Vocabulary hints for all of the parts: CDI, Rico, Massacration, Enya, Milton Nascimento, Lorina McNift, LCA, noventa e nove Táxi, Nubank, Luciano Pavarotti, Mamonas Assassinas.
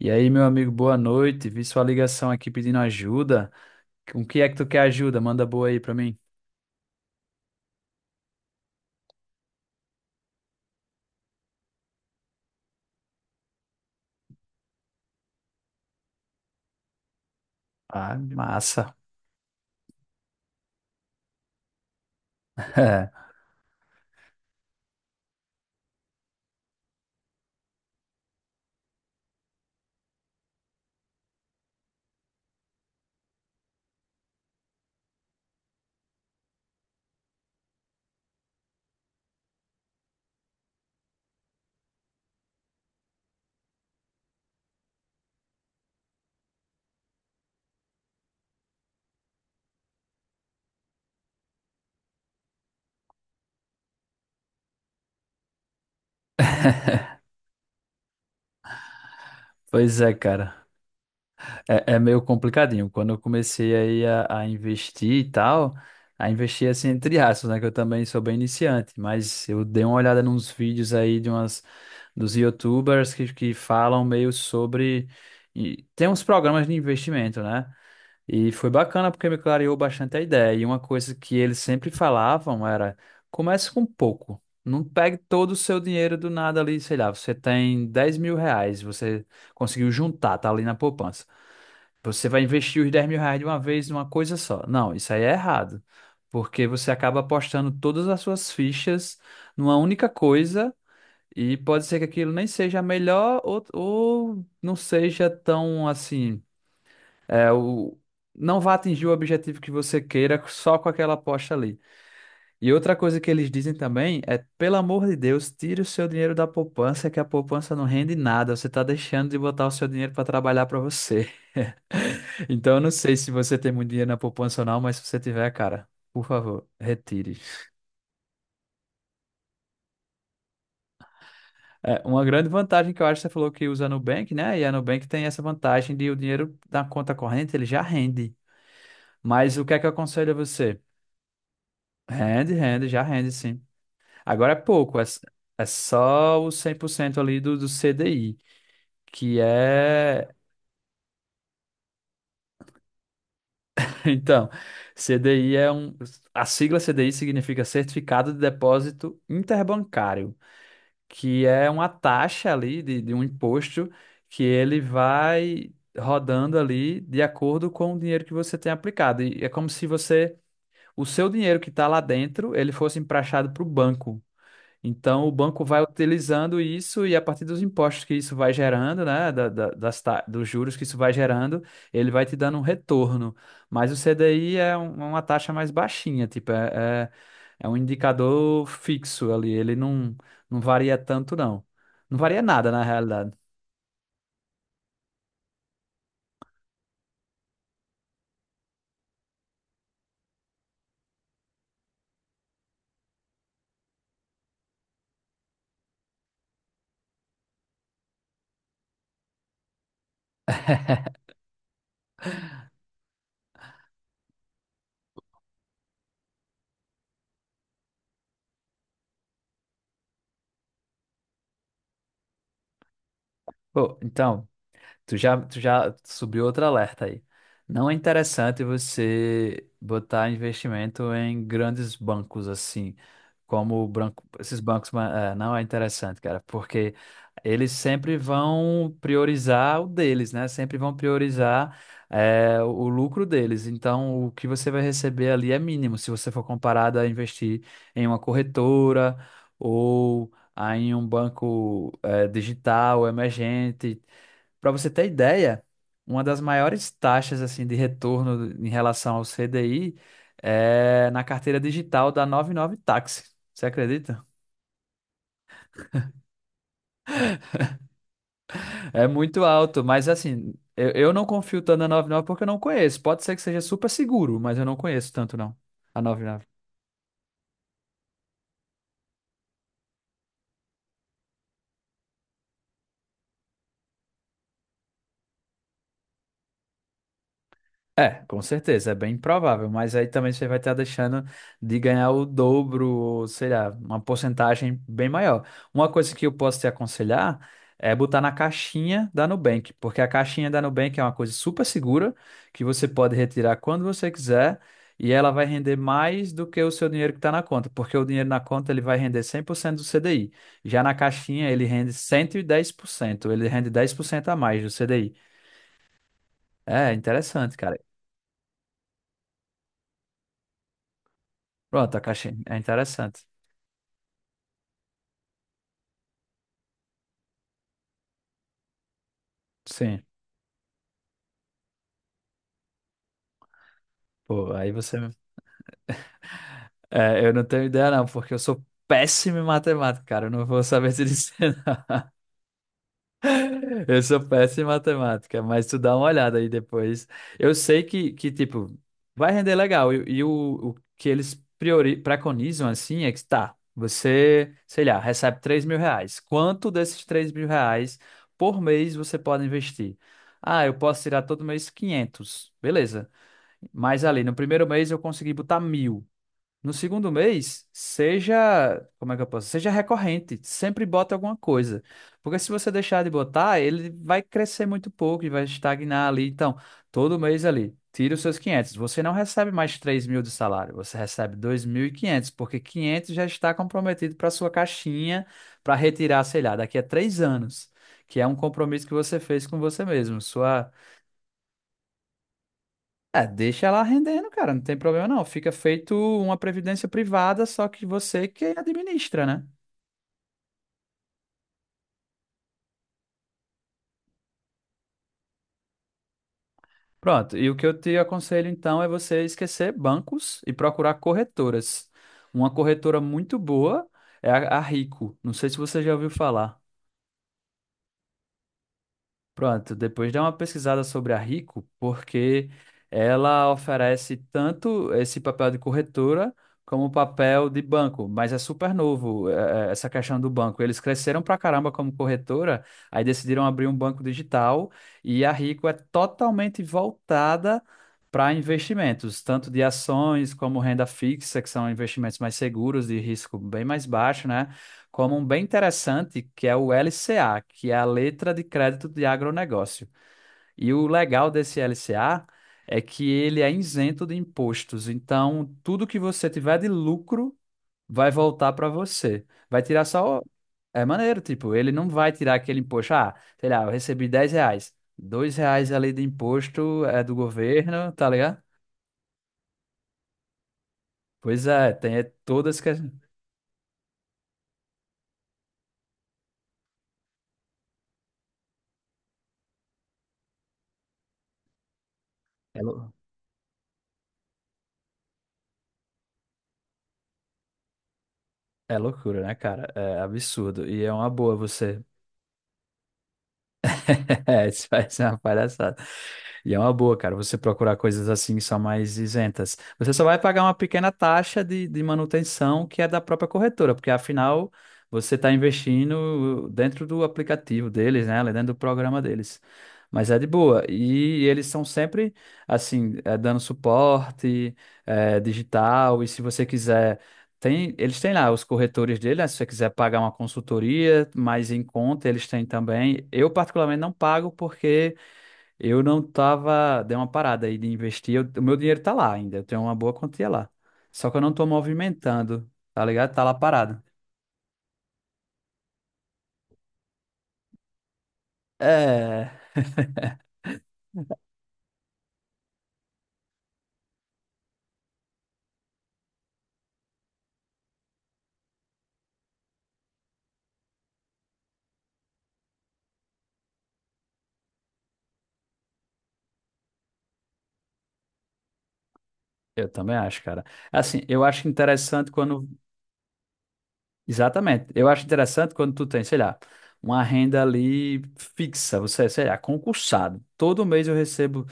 E aí, meu amigo, boa noite. Vi sua ligação aqui pedindo ajuda. Com que é que tu quer ajuda? Manda boa aí pra mim. Ah, massa. Pois é, cara. É meio complicadinho. Quando eu comecei aí a investir e tal, a investir assim entre aspas, né? Que eu também sou bem iniciante, mas eu dei uma olhada nos vídeos aí de umas dos YouTubers que falam meio sobre. E tem uns programas de investimento, né? E foi bacana porque me clareou bastante a ideia. E uma coisa que eles sempre falavam era: comece com pouco. Não pegue todo o seu dinheiro do nada ali, sei lá, você tem 10 mil reais, você conseguiu juntar, tá ali na poupança. Você vai investir os 10 mil reais de uma vez numa coisa só. Não, isso aí é errado. Porque você acaba apostando todas as suas fichas numa única coisa e pode ser que aquilo nem seja a melhor ou não seja tão assim é, o... Não vá atingir o objetivo que você queira só com aquela aposta ali. E outra coisa que eles dizem também é, pelo amor de Deus, tire o seu dinheiro da poupança, que a poupança não rende nada. Você está deixando de botar o seu dinheiro para trabalhar para você. Então, eu não sei se você tem muito dinheiro na poupança ou não, mas se você tiver, cara, por favor, retire. É, uma grande vantagem que eu acho, você falou que usa a Nubank, né? E a Nubank tem essa vantagem de o dinheiro da conta corrente, ele já rende. Mas o que é que eu aconselho a você? Rende, rende, já rende, sim. Agora é pouco, é só o 100% ali do CDI, que é. Então, CDI é um. A sigla CDI significa Certificado de Depósito Interbancário, que é uma taxa ali de um imposto que ele vai rodando ali de acordo com o dinheiro que você tem aplicado. E é como se você. O seu dinheiro que está lá dentro, ele fosse emprestado para o banco. Então, o banco vai utilizando isso e a partir dos impostos que isso vai gerando, né, dos juros que isso vai gerando, ele vai te dando um retorno. Mas o CDI é uma taxa mais baixinha, tipo, é um indicador fixo ali, ele não varia tanto, não. Não varia nada, na realidade. Pô, então. Tu já subiu outro alerta aí. Não é interessante você botar investimento em grandes bancos assim, como o branco, esses bancos, não é interessante, cara, porque eles sempre vão priorizar o deles, né? Sempre vão priorizar, o lucro deles. Então, o que você vai receber ali é mínimo se você for comparado a investir em uma corretora ou a em um banco, digital, emergente. Para você ter ideia, uma das maiores taxas assim de retorno em relação ao CDI é na carteira digital da noventa e nove Táxi. Você acredita? É muito alto, mas assim, eu não confio tanto na 99 porque eu não conheço. Pode ser que seja super seguro, mas eu não conheço tanto não, a noventa e nove. É, com certeza, é bem provável, mas aí também você vai estar deixando de ganhar o dobro, ou sei lá, uma porcentagem bem maior. Uma coisa que eu posso te aconselhar é botar na caixinha da Nubank, porque a caixinha da Nubank é uma coisa super segura, que você pode retirar quando você quiser, e ela vai render mais do que o seu dinheiro que está na conta, porque o dinheiro na conta ele vai render 100% do CDI. Já na caixinha ele rende 110%, ele rende 10% a mais do CDI. É interessante, cara. Pronto, a caixinha. É interessante. Sim. Pô, aí você. É, eu não tenho ideia, não, porque eu sou péssimo em matemática, cara. Eu não vou saber te dizer. Não. Eu sou péssimo em matemática, mas tu dá uma olhada aí depois. Eu sei que tipo, vai render legal. E o que eles preconizam, assim, é que tá. Você, sei lá, recebe 3 mil reais. Quanto desses 3 mil reais por mês você pode investir? Ah, eu posso tirar todo mês quinhentos. Beleza. Mas ali, no primeiro mês eu consegui botar mil. No segundo mês, seja, como é que eu posso? Seja recorrente, sempre bota alguma coisa. Porque se você deixar de botar, ele vai crescer muito pouco e vai estagnar ali. Então, todo mês ali, tira os seus quinhentos. Você não recebe mais 3 mil de salário, você recebe 2.500 porque 500 já está comprometido para sua caixinha para retirar, sei lá, daqui a três anos, que é um compromisso que você fez com você mesmo. Deixa ela rendendo, cara, não tem problema não. Fica feito uma previdência privada, só que você que administra, né? Pronto, e o que eu te aconselho então é você esquecer bancos e procurar corretoras. Uma corretora muito boa é a Rico. Não sei se você já ouviu falar. Pronto, depois dá uma pesquisada sobre a Rico, porque ela oferece tanto esse papel de corretora como o papel de banco, mas é super novo, essa questão do banco. Eles cresceram pra caramba como corretora, aí decidiram abrir um banco digital e a Rico é totalmente voltada para investimentos, tanto de ações como renda fixa, que são investimentos mais seguros, de risco bem mais baixo, né? Como um bem interessante, que é o LCA, que é a letra de crédito de agronegócio. E o legal desse LCA é que ele é isento de impostos, então tudo que você tiver de lucro vai voltar para você. Vai tirar só. É maneiro, tipo, ele não vai tirar aquele imposto. Ah, sei lá, eu recebi 10 reais. Dois reais ali de imposto é do governo, tá ligado? Pois é, tem é todas que. É, lou- é loucura, né, cara? É absurdo. E é uma boa você. É, isso vai ser uma palhaçada. E é uma boa, cara, você procurar coisas assim só mais isentas. Você só vai pagar uma pequena taxa de manutenção que é da própria corretora, porque afinal você está investindo dentro do aplicativo deles, né? Dentro do programa deles. Mas é de boa. E eles são sempre, assim, dando suporte, digital. E se você quiser. Tem, eles têm lá os corretores dele, né? Se você quiser pagar uma consultoria, mais em conta, eles têm também. Eu, particularmente, não pago porque eu não tava. Dei uma parada aí de investir. O meu dinheiro tá lá ainda. Eu tenho uma boa quantia lá. Só que eu não tô movimentando, tá ligado? Tá lá parado. É. Eu também acho, cara. Assim, eu acho interessante quando. Exatamente. Eu acho interessante quando tu tem, sei lá, uma renda ali fixa. Você, sei lá, concursado. Todo mês eu recebo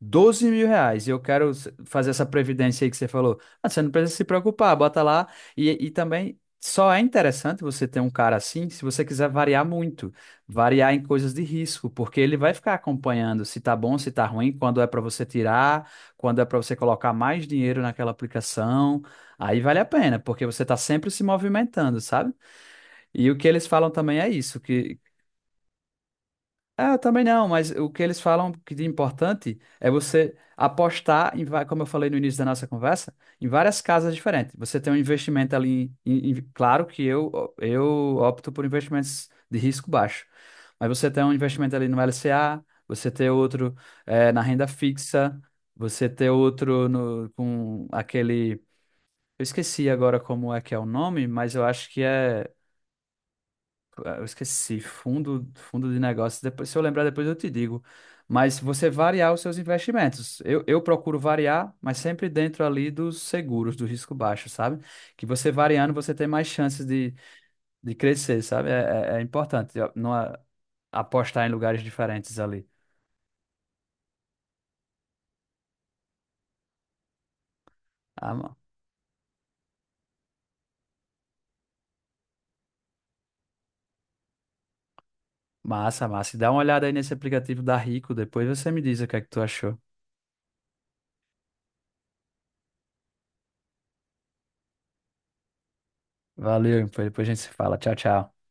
12 mil reais. E eu quero fazer essa previdência aí que você falou. Ah, você não precisa se preocupar, bota lá. E também só é interessante você ter um cara assim se você quiser variar muito. Variar em coisas de risco, porque ele vai ficar acompanhando se tá bom, se tá ruim, quando é para você tirar, quando é para você colocar mais dinheiro naquela aplicação. Aí vale a pena, porque você tá sempre se movimentando, sabe? E o que eles falam também é isso, que é, eu também não, mas o que eles falam que de importante é você apostar em, como eu falei no início da nossa conversa, em várias casas diferentes. Você tem um investimento ali, claro que eu opto por investimentos de risco baixo, mas você tem um investimento ali no LCA, você tem outro na renda fixa, você tem outro no, com aquele, eu esqueci agora como é que é o nome, mas eu acho que é. Ah, eu esqueci, fundo de negócios. Depois, se eu lembrar, depois eu te digo. Mas você variar os seus investimentos. Eu procuro variar, mas sempre dentro ali dos seguros, do risco baixo, sabe? Que você variando, você tem mais chances de crescer, sabe? É importante ó, não apostar em lugares diferentes ali. Ah, massa, massa. E dá uma olhada aí nesse aplicativo da Rico, depois você me diz o que é que tu achou. Valeu, depois a gente se fala. Tchau, tchau.